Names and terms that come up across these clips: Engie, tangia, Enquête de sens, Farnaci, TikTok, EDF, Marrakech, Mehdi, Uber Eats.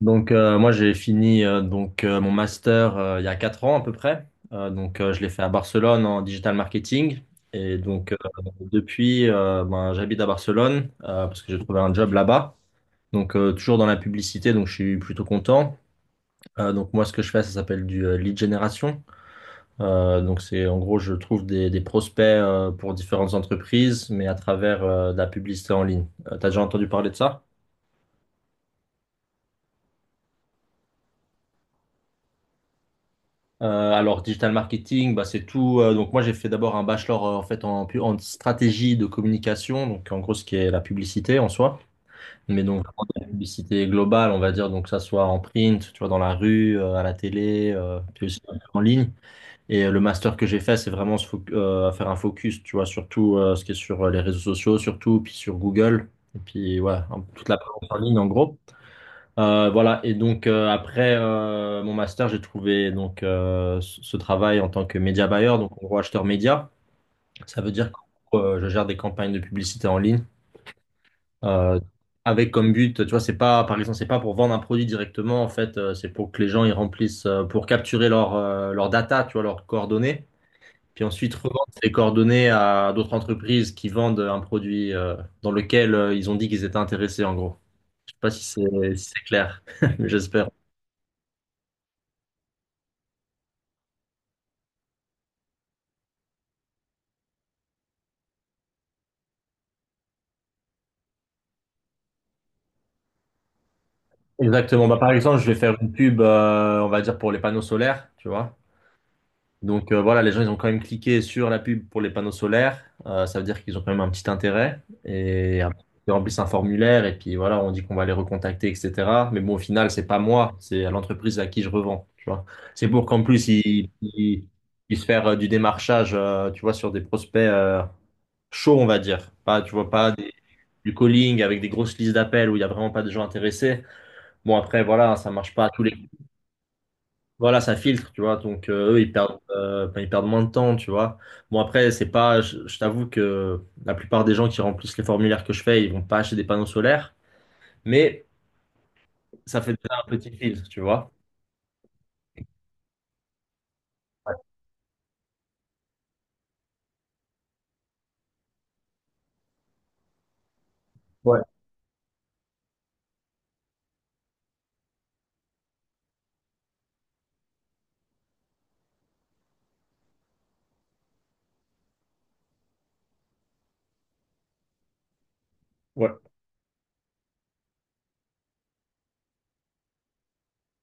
Donc, moi j'ai fini, donc, mon master, il y a 4 ans à peu près. Donc, je l'ai fait à Barcelone en digital marketing et donc, depuis, ben, j'habite à Barcelone, parce que j'ai trouvé un job là-bas. Donc, toujours dans la publicité, donc je suis plutôt content. Donc, moi ce que je fais ça s'appelle du, lead generation. Donc, c'est en gros je trouve des prospects, pour différentes entreprises, mais à travers, de la publicité en ligne. T'as déjà entendu parler de ça? Alors, digital marketing, bah, c'est tout. Donc, moi, j'ai fait d'abord un bachelor, en fait en stratégie de communication, donc en gros, ce qui est la publicité en soi, mais donc vraiment de la publicité globale, on va dire, donc que ça soit en print, tu vois, dans la rue, à la télé, puis aussi un peu en ligne. Et, le master que j'ai fait, c'est vraiment faire un focus, tu vois, surtout, ce qui est sur, les réseaux sociaux, surtout, puis sur Google, et puis ouais, toute la présence en ligne en gros. Voilà, et donc, après, mon master, j'ai trouvé donc, ce travail en tant que média buyer, donc en gros acheteur média. Ça veut dire que, je gère des campagnes de publicité en ligne, euh, avec comme but, tu vois, c'est pas par exemple, c'est pas pour vendre un produit directement en fait, c'est pour que les gens ils remplissent, pour capturer leur, leur data, tu vois, leurs coordonnées, puis ensuite revendre ces coordonnées à d'autres entreprises qui vendent un produit, dans lequel, ils ont dit qu'ils étaient intéressés en gros. Je sais pas si c'est clair, mais j'espère. Exactement. Bah, par exemple, je vais faire une pub, on va dire, pour les panneaux solaires, tu vois. Donc, voilà, les gens, ils ont quand même cliqué sur la pub pour les panneaux solaires. Ça veut dire qu'ils ont quand même un petit intérêt. Et après, ils remplissent un formulaire et puis voilà, on dit qu'on va les recontacter, etc. Mais bon, au final, c'est pas moi, c'est à l'entreprise à qui je revends, tu vois. C'est pour qu'en plus, ils puissent faire, du démarchage, tu vois, sur des prospects, chauds, on va dire. Pas, tu vois, pas du calling avec des grosses listes d'appels où il y a vraiment pas de gens intéressés. Bon, après, voilà, ça marche pas à tous les. Voilà, ça filtre, tu vois. Donc, eux, ils perdent, enfin, ils perdent moins de temps, tu vois. Bon, après, c'est pas, je t'avoue que la plupart des gens qui remplissent les formulaires que je fais, ils vont pas acheter des panneaux solaires, mais ça fait déjà un petit filtre, tu vois. Ouais, ouais, ouais,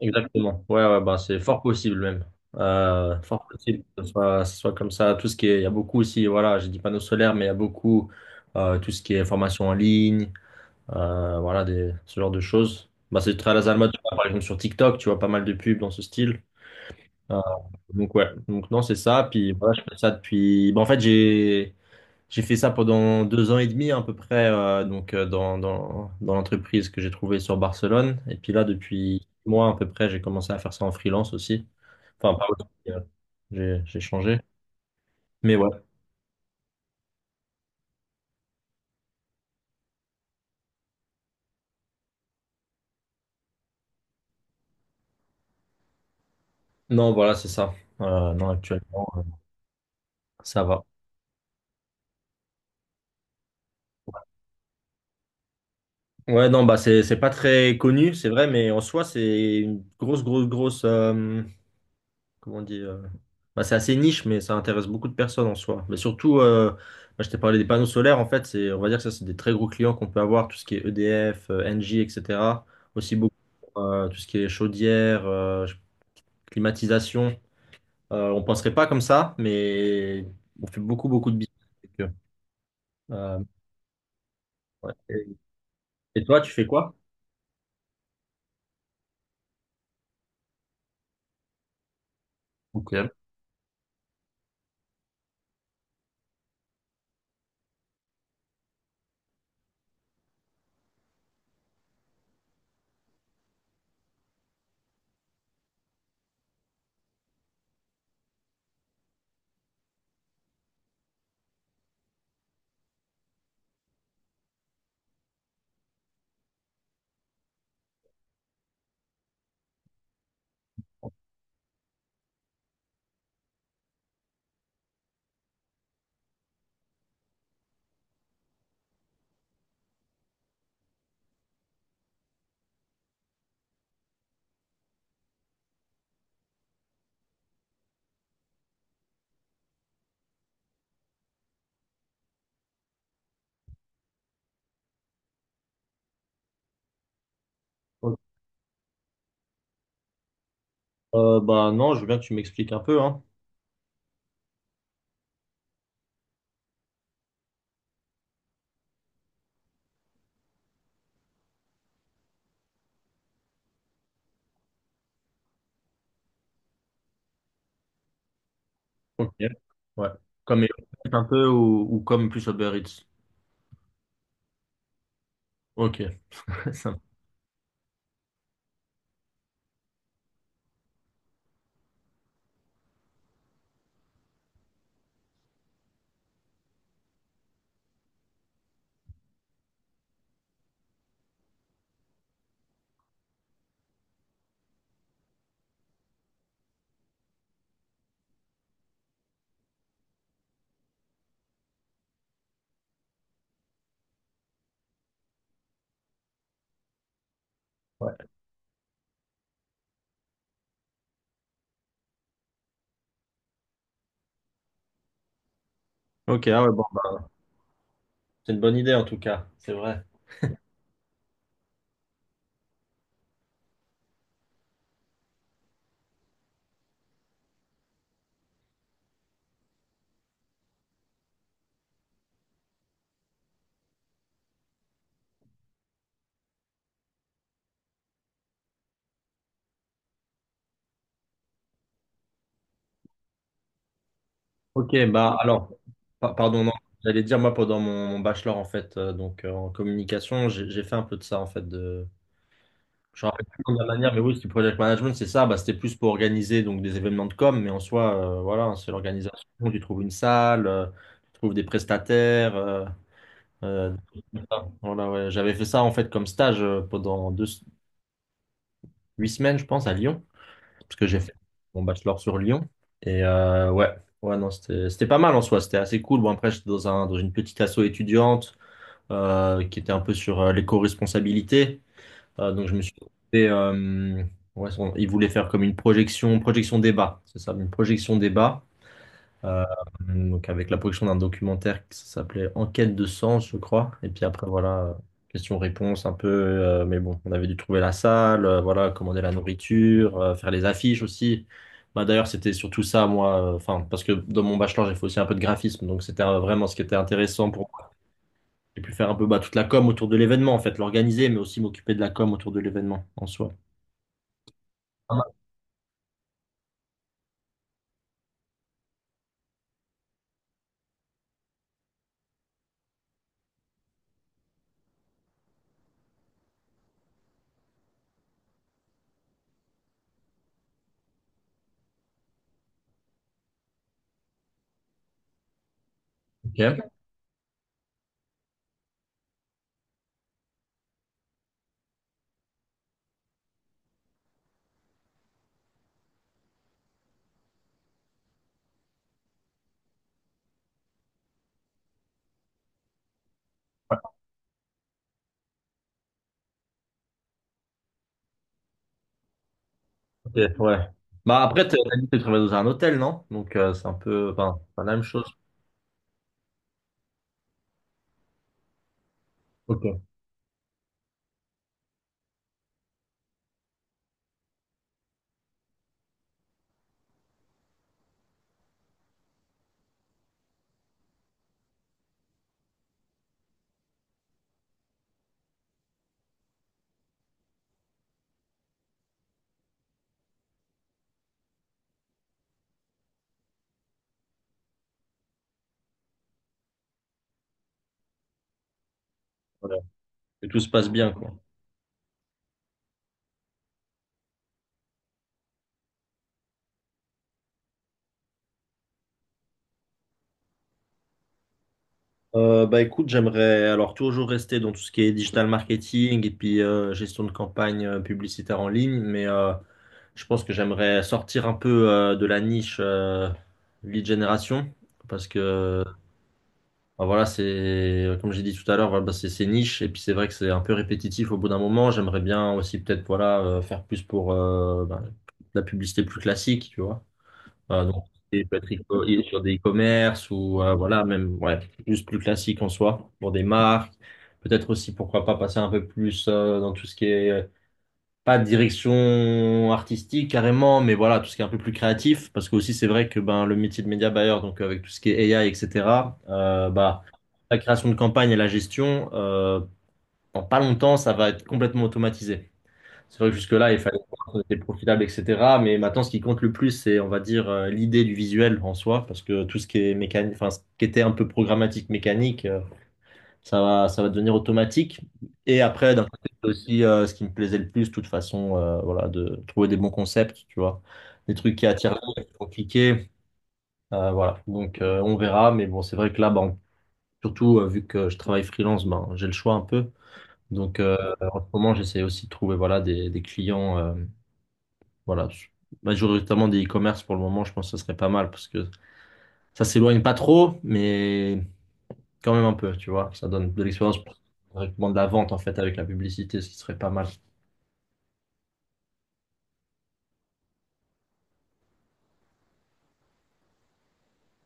exactement. Ouais, ouais, bah, c'est fort possible même. Fort possible que ce soit comme ça. Tout ce qui est, il y a beaucoup aussi, voilà, j'ai dit panneaux solaires, mais il y a beaucoup, tout ce qui est formation en ligne, voilà, des, ce genre de choses. Bah, c'est très à la mode, tu vois, par exemple, sur TikTok, tu vois pas mal de pubs dans ce style. Euh, donc ouais, donc non, c'est ça. Puis voilà, je fais ça depuis. Bah, en fait, j'ai fait ça pendant 2 ans et demi à peu près, dans l'entreprise que j'ai trouvée sur Barcelone. Et puis là, depuis 6 mois à peu près, j'ai commencé à faire ça en freelance aussi. Enfin, pas aussi, j'ai changé. Mais ouais, non, voilà, c'est ça. Non, actuellement, ça va. Ouais, non, bah c'est pas très connu, c'est vrai, mais en soi, c'est une grosse, grosse, grosse. Comment on dit, bah, c'est assez niche, mais ça intéresse beaucoup de personnes en soi. Mais surtout, bah, je t'ai parlé des panneaux solaires, en fait, c'est, on va dire que ça, c'est des très gros clients qu'on peut avoir, tout ce qui est EDF, Engie, etc. Aussi beaucoup, tout ce qui est chaudière, climatisation. On penserait pas comme ça, mais on fait beaucoup, beaucoup de business avec eux. Euh, ouais. Et toi, tu fais quoi? Ok. Bah non, je veux bien que tu m'expliques un peu, hein. Ok. Ouais. Comme Uber Eats un peu ou comme plus Uber Eats. Ok. Ça Ouais. Ok, ah ouais, bon, bah, c'est une bonne idée en tout cas, c'est vrai. Ok, bah alors, pardon, non, j'allais dire moi pendant mon bachelor en fait, en communication, j'ai fait un peu de ça en fait. Je me rappelle plus de la manière, mais oui, c'était project management, c'est ça, bah, c'était plus pour organiser donc des événements de com, mais en soi, voilà, hein, c'est l'organisation, tu trouves une salle, tu trouves des prestataires, des trucs comme ça. Voilà, ouais. J'avais fait ça en fait comme stage, pendant deux, 8 semaines, je pense, à Lyon. Parce que j'ai fait mon bachelor sur Lyon. Et, ouais, ouais, non, c'était pas mal en soi, c'était assez cool. Bon, après, j'étais dans une petite asso étudiante, qui était un peu sur, l'éco-responsabilité. Donc, je me suis fait, ouais, ils voulaient faire comme une projection, projection débat, c'est ça, une projection débat. Euh, donc, avec la production d'un documentaire qui s'appelait Enquête de sens, je crois. Et puis après, voilà, question-réponse un peu. Mais bon, on avait dû trouver la salle, voilà, commander la nourriture, faire les affiches aussi. Bah, d'ailleurs, c'était surtout ça, moi, enfin, parce que dans mon bachelor, j'ai fait aussi un peu de graphisme, donc c'était, vraiment ce qui était intéressant pour moi. J'ai pu faire un peu, bah, toute la com autour de l'événement, en fait, l'organiser, mais aussi m'occuper de la com autour de l'événement en soi. Ah, ok. Ok, ouais. Bah après, t'as dit que tu travailles dans un hôtel, non? Donc, c'est un peu, enfin, pas la même chose. Ok, voilà. Que tout se passe bien, quoi. Bah écoute, j'aimerais alors toujours rester dans tout ce qui est digital marketing et puis, gestion de campagne, publicitaire en ligne, mais, je pense que j'aimerais sortir un peu, de la niche, lead generation, parce que bah, voilà, c'est comme j'ai dit tout à l'heure, voilà, bah, c'est niche et puis c'est vrai que c'est un peu répétitif au bout d'un moment. J'aimerais bien aussi peut-être, voilà, faire plus pour, bah, la publicité plus classique, tu vois. Donc, il peut être et sur des e-commerce ou, voilà, même ouais, juste plus classique en soi pour des marques. Peut-être aussi, pourquoi pas passer un peu plus, dans tout ce qui est, pas de direction artistique carrément, mais voilà, tout ce qui est un peu plus créatif. Parce que aussi, c'est vrai que ben, le métier de média buyer, donc avec tout ce qui est AI, etc., bah, la création de campagne et la gestion, en pas longtemps, ça va être complètement automatisé. C'est vrai que jusque-là, il fallait voir si c'était profitable, etc. Mais maintenant, ce qui compte le plus, c'est, on va dire, l'idée du visuel en soi, parce que tout ce qui est mécanique, enfin, ce qui était un peu programmatique, mécanique, ça va devenir automatique. Et après, d'un côté, c'est aussi, ce qui me plaisait le plus, de toute façon, voilà, de trouver des bons concepts, tu vois, des trucs qui attirent l'œil, qui font cliquer, voilà. Donc, on verra. Mais bon, c'est vrai que là, ben, surtout, vu que je travaille freelance, ben, j'ai le choix un peu. Donc, en ce moment, j'essaie aussi de trouver, voilà, des clients. Voilà. Majoritairement des e-commerce pour le moment, je pense que ce serait pas mal parce que ça s'éloigne pas trop, mais quand même un peu, tu vois. Ça donne de l'expérience directement de la vente en fait avec la publicité, ce qui serait pas mal.